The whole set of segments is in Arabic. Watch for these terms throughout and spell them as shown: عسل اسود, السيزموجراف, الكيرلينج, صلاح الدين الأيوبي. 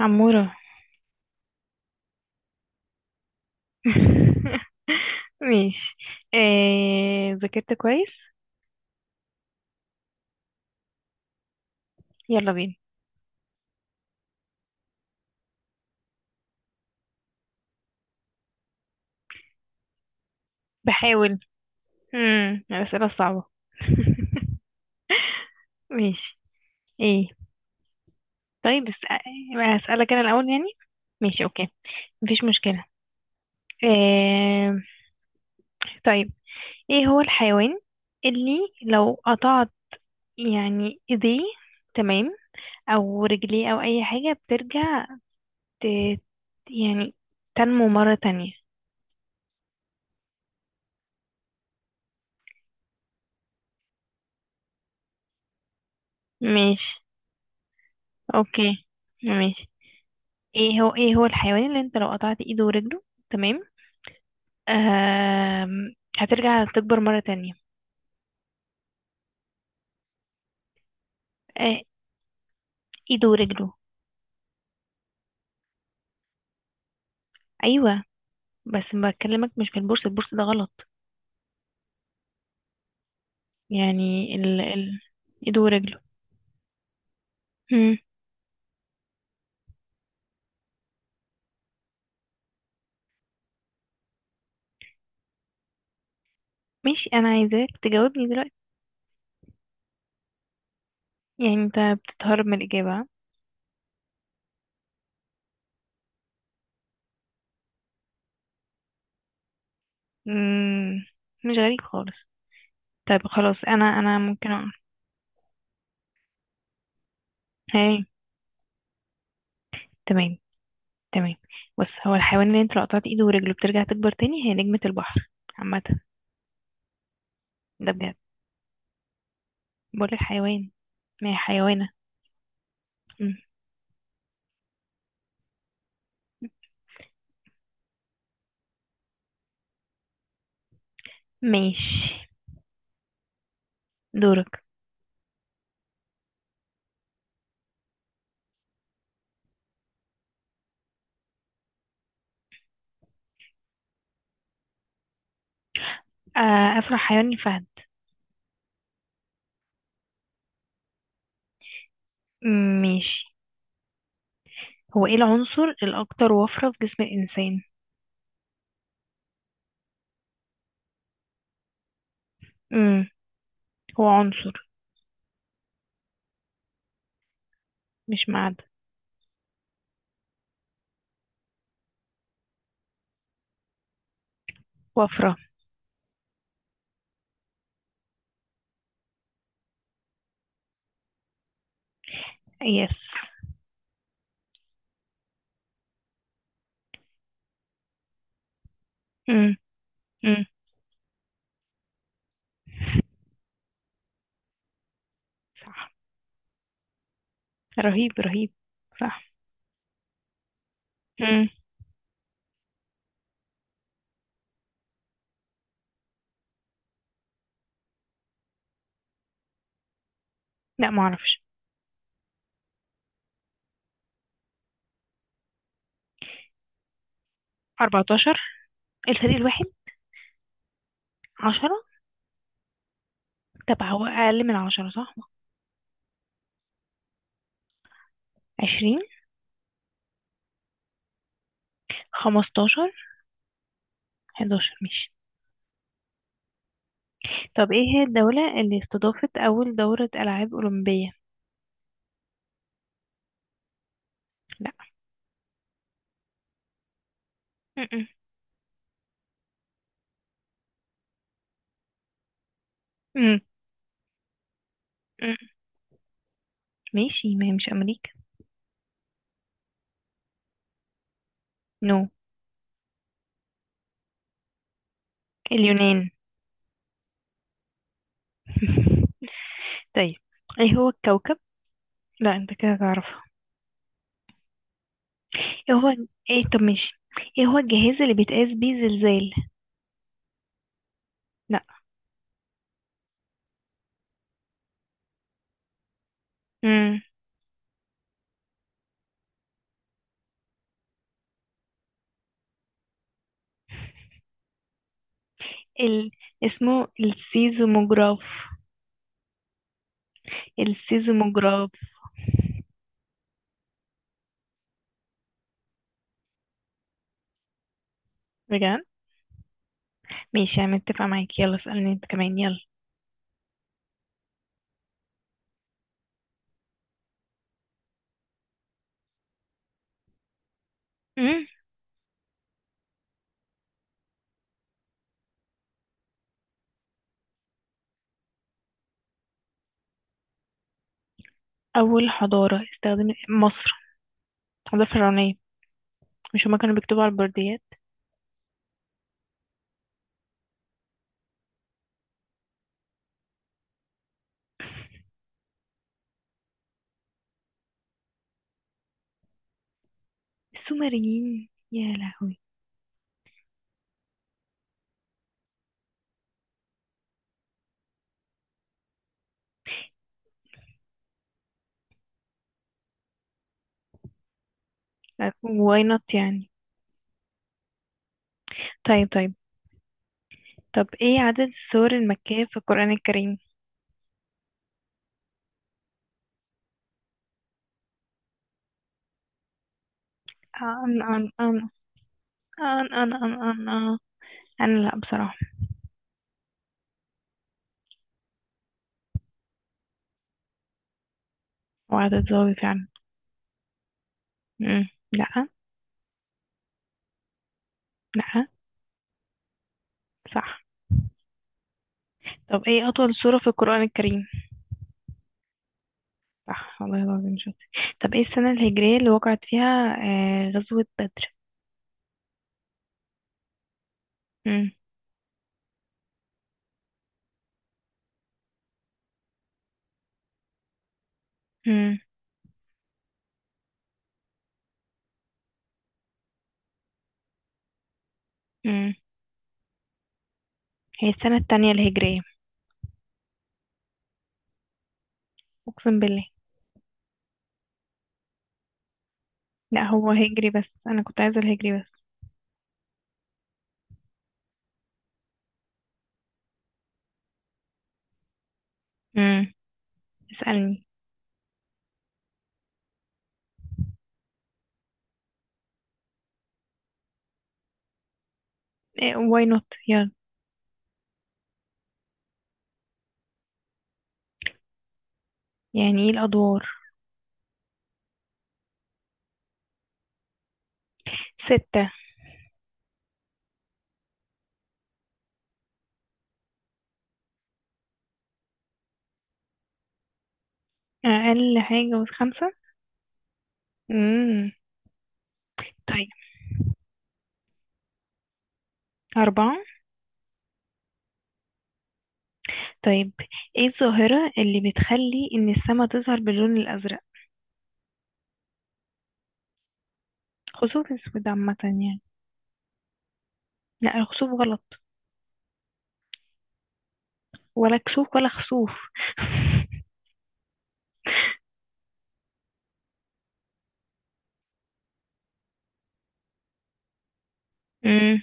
عمورة ماشي. ذاكرت كويس. يلا بينا. بحاول. الأسئلة الصعبة. ماشي. ايه؟ طيب بس هسألك انا الأول يعني. ماشي اوكي، مفيش مشكلة. آه... طيب، ايه هو الحيوان اللي لو قطعت يعني ايديه، تمام، او رجليه او اي حاجة بترجع ت... يعني تنمو مرة تانية؟ ماشي اوكي. ماشي. ايه هو الحيوان اللي انت لو قطعت ايده ورجله، تمام، هترجع تكبر مرة تانية؟ آه... ايده ورجله. ايوه، بس بكلمك مش في البورصة، البورصة ده غلط يعني. ايده ورجله. مم. ماشي، انا عايزاك تجاوبني دلوقتي. يعني انت بتتهرب من الاجابة ها؟ مم. مش غريب خالص. طيب خلاص، انا ممكن اقول. هاي، تمام تمام. بص، هو الحيوان اللي انت لو قطعت ايده ورجله بترجع تكبر تاني هي نجمة البحر. عامة، ده بجد. بقول الحيوان، ما هي حيوانة. مم. ماشي. دورك. آه، أسرع حيوان الفهد. مم، ماشي. هو ايه العنصر الأكثر وفرة في جسم الإنسان؟ مم. هو عنصر، مش معدن. وفرة. يس. مم. مم. صح. رهيب رهيب. صح. مم. لا معرفش. 14، الفريق الواحد. 10. طب هو أقل من 10 صح؟ 20. 15. 11 ماشي. طب ايه هي الدولة اللي استضافت أول دورة ألعاب أولمبية؟ لا. م-م. مم. ماشي، ما هي مش أمريكا. نو. اليونان. طيب، ايه هو الكوكب. لا انت كده تعرفه. ايه هو. ايه؟ طب ماشي. ايه هو الجهاز اللي بيتقاس بيه زلزال؟ لا. امم. ال... اسمه السيزموجراف. السيزموجراف. بجد. ماشي، انا متفقة معاك. يلا اسألني انت كمان، يلا. امم. اول حضارة استخدمت، مصر، الحضارة الفرعونية. مش هما كانوا بيكتبوا على البرديات؟ السومريين، يا لهوي. واي نوت يعني. طيب، طيب، طب ايه عدد السور المكية في القرآن الكريم؟ أن أن أن أن أن أن أن أن أنا لأ بصراحة. هو عدد ظاهري فعلا. مم. لأ. لأ. صح. طب ايه أطول سورة في القرآن الكريم؟ صح والله العظيم، شاطر. طب ايه السنة الهجرية اللي وقعت فيها آه غزوة بدر؟ مم. مم. مم. هي السنة التانية الهجرية. أقسم بالله. لأ هو هجري، بس أنا كنت عايزة الهجري بس. مم. اسألني. إيه واي نوت، يلا. يعني ايه الأدوار؟ ستة. أقل حاجة من خمسة. امم. طيب. أربعة. طيب، ايه الظاهرة اللي بتخلي إن السما تظهر باللون الأزرق؟ خسوف أسود عامة يعني. لا الخسوف غلط. ولا كسوف ولا خسوف. امم.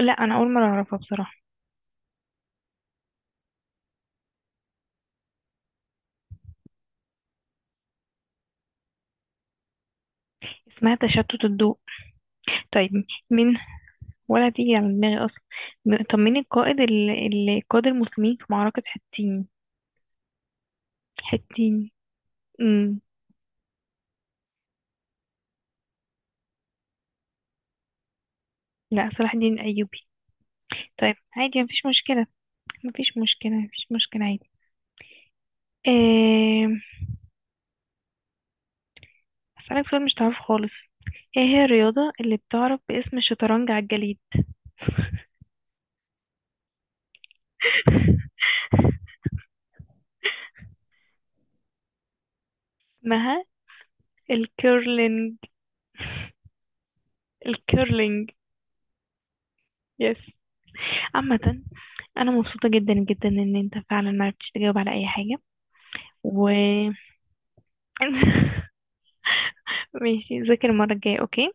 لا أنا أول مرة أعرفها بصراحة. اسمها تشتت الضوء. طيب. مين. ولا تيجي على دماغي أصلا. طب مين القائد اللي قاد المسلمين في معركة حطين؟ حطين. امم. لا، صلاح الدين الأيوبي. طيب عادي، مفيش مشكلة، مفيش مشكلة، مفيش مشكلة، عادي. إيه... أسألك سؤال مش تعرفه خالص. ايه هي الرياضة اللي بتعرف باسم الشطرنج على الجليد؟ اسمها الكيرلينج. الكيرلينج. يس. عامة، أنا مبسوطة جدا جدا إن أنت فعلا معرفتش تجاوب على أي حاجة. و ماشي، ذاكر المرة الجاية، أوكي.